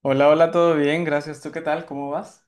Hola, hola, todo bien, gracias. ¿Tú qué tal? ¿Cómo vas?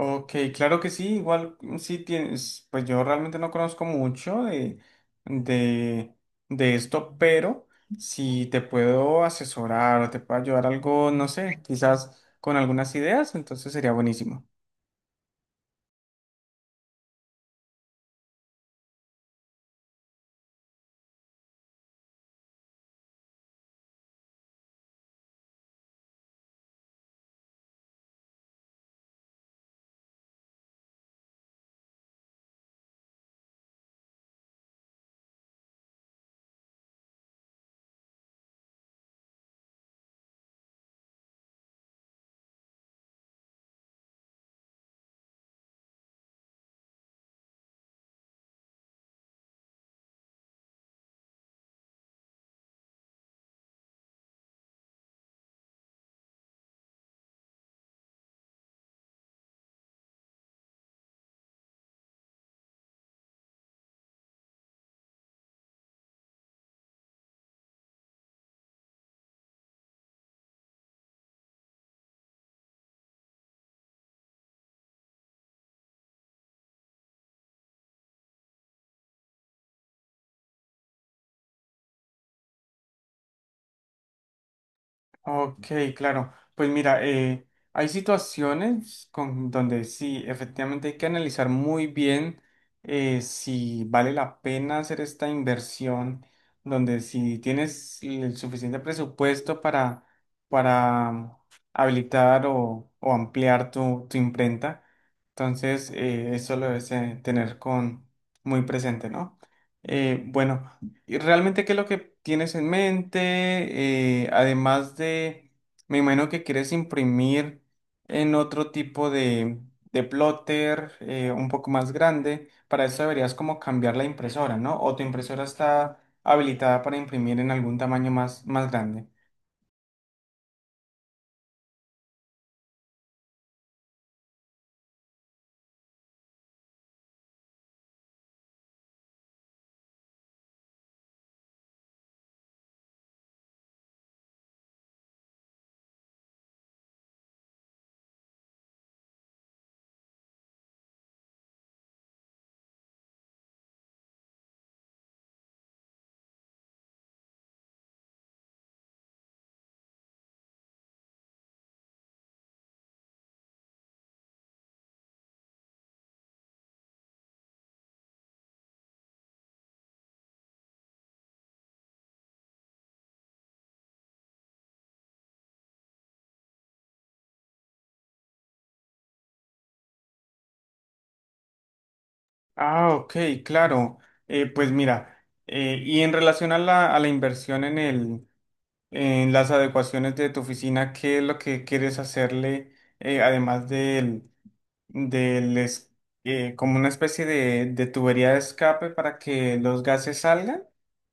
Ok, claro que sí, igual sí tienes, pues yo realmente no conozco mucho de, de esto, pero si te puedo asesorar o te puedo ayudar algo, no sé, quizás con algunas ideas, entonces sería buenísimo. Ok, claro. Pues mira, hay situaciones con, donde sí, efectivamente hay que analizar muy bien si vale la pena hacer esta inversión, donde si tienes el suficiente presupuesto para habilitar o ampliar tu imprenta. Entonces, eso lo debes tener con, muy presente, ¿no? Bueno. ¿Y realmente qué es lo que tienes en mente? Además de, me imagino que quieres imprimir en otro tipo de plotter un poco más grande. Para eso deberías como cambiar la impresora, ¿no? O tu impresora está habilitada para imprimir en algún tamaño más grande. Ah, ok, claro. Pues mira, y en relación a a la inversión en el, en las adecuaciones de tu oficina, ¿qué es lo que quieres hacerle, además del del es- como una especie de tubería de escape para que los gases salgan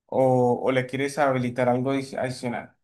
o le quieres habilitar algo adicional?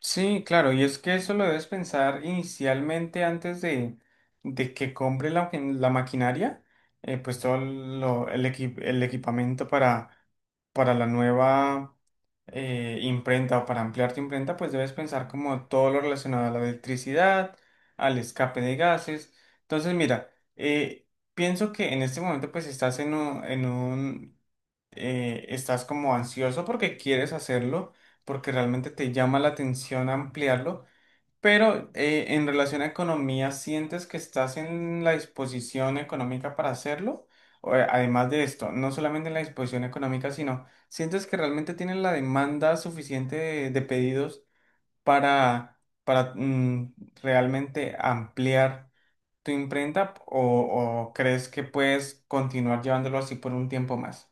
Sí, claro, y es que eso lo debes pensar inicialmente antes de que compre la, la maquinaria, pues todo el, el equipamiento para la nueva imprenta o para ampliar tu imprenta, pues debes pensar como todo lo relacionado a la electricidad, al escape de gases. Entonces, mira, eh, pienso que en este momento pues estás en un estás como ansioso porque quieres hacerlo, porque realmente te llama la atención ampliarlo, pero en relación a economía, ¿sientes que estás en la disposición económica para hacerlo? O, además de esto, no solamente en la disposición económica, sino ¿sientes que realmente tienes la demanda suficiente de pedidos para realmente ampliar tu imprenta o crees que puedes continuar llevándolo así por un tiempo más?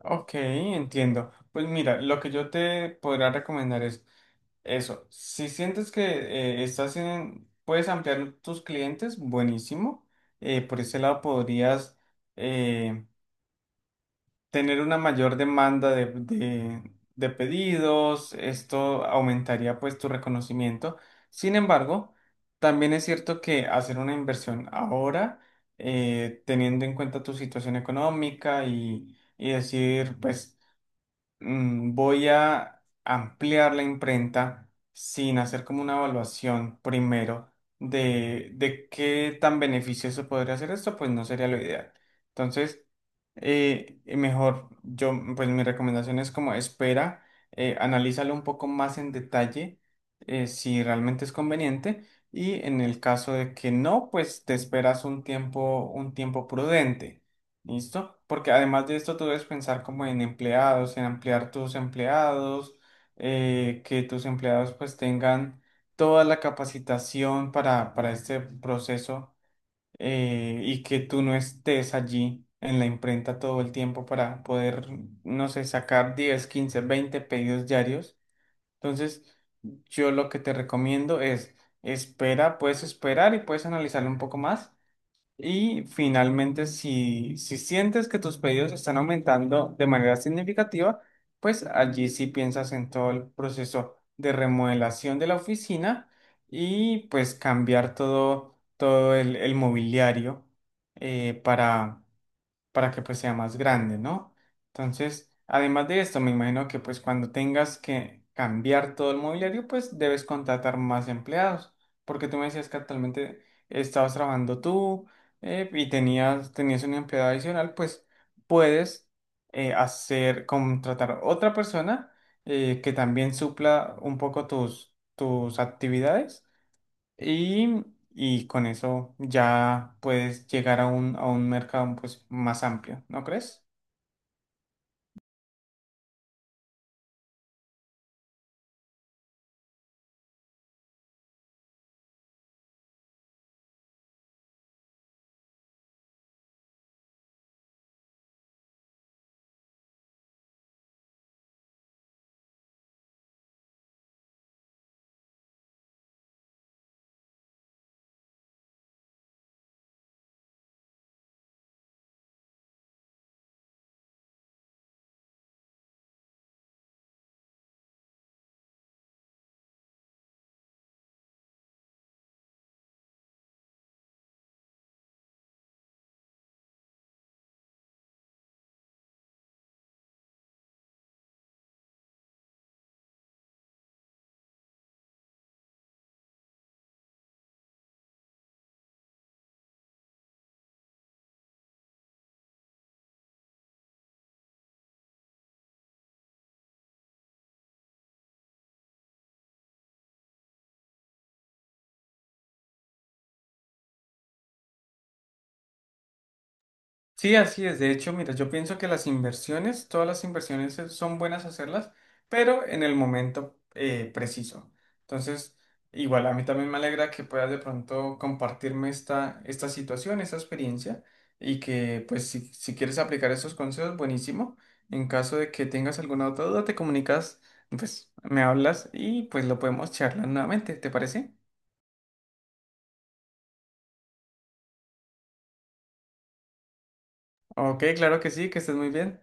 Ok, entiendo. Pues mira, lo que yo te podría recomendar es eso. Si sientes que estás en, puedes ampliar tus clientes, buenísimo. Por ese lado podrías eh, tener una mayor demanda de pedidos. Esto aumentaría pues tu reconocimiento. Sin embargo, también es cierto que hacer una inversión ahora, teniendo en cuenta tu situación económica y decir, pues voy a ampliar la imprenta sin hacer como una evaluación primero de qué tan beneficioso podría ser esto, pues no sería lo ideal. Entonces, mejor, yo, pues mi recomendación es como espera, analízalo un poco más en detalle, si realmente es conveniente. Y en el caso de que no, pues te esperas un tiempo prudente. ¿Listo? Porque además de esto, tú debes pensar como en empleados, en ampliar tus empleados, que tus empleados pues tengan toda la capacitación para este proceso y que tú no estés allí en la imprenta todo el tiempo para poder, no sé, sacar 10, 15, 20 pedidos diarios. Entonces, yo lo que te recomiendo es espera, puedes esperar y puedes analizarlo un poco más y finalmente, si sientes que tus pedidos están aumentando de manera significativa, pues allí sí piensas en todo el proceso de remodelación de la oficina y pues cambiar todo, todo el mobiliario eh, para para que pues sea más grande, ¿no? Entonces, además de esto, me imagino que pues cuando tengas que cambiar todo el mobiliario, pues debes contratar más empleados, porque tú me decías que actualmente estabas trabajando tú y tenías, tenías un empleado adicional, pues puedes hacer, contratar otra persona que también supla un poco tus, tus actividades y, y con eso ya puedes llegar a a un mercado pues, más amplio, ¿no crees? Sí, así es. De hecho, mira, yo pienso que las inversiones, todas las inversiones son buenas hacerlas, pero en el momento preciso. Entonces, igual a mí también me alegra que puedas de pronto compartirme esta, esta situación, esta experiencia, y que pues si quieres aplicar esos consejos, buenísimo. En caso de que tengas alguna otra duda, te comunicas, pues me hablas y pues lo podemos charlar nuevamente, ¿te parece? Ok, claro que sí, que estés muy bien.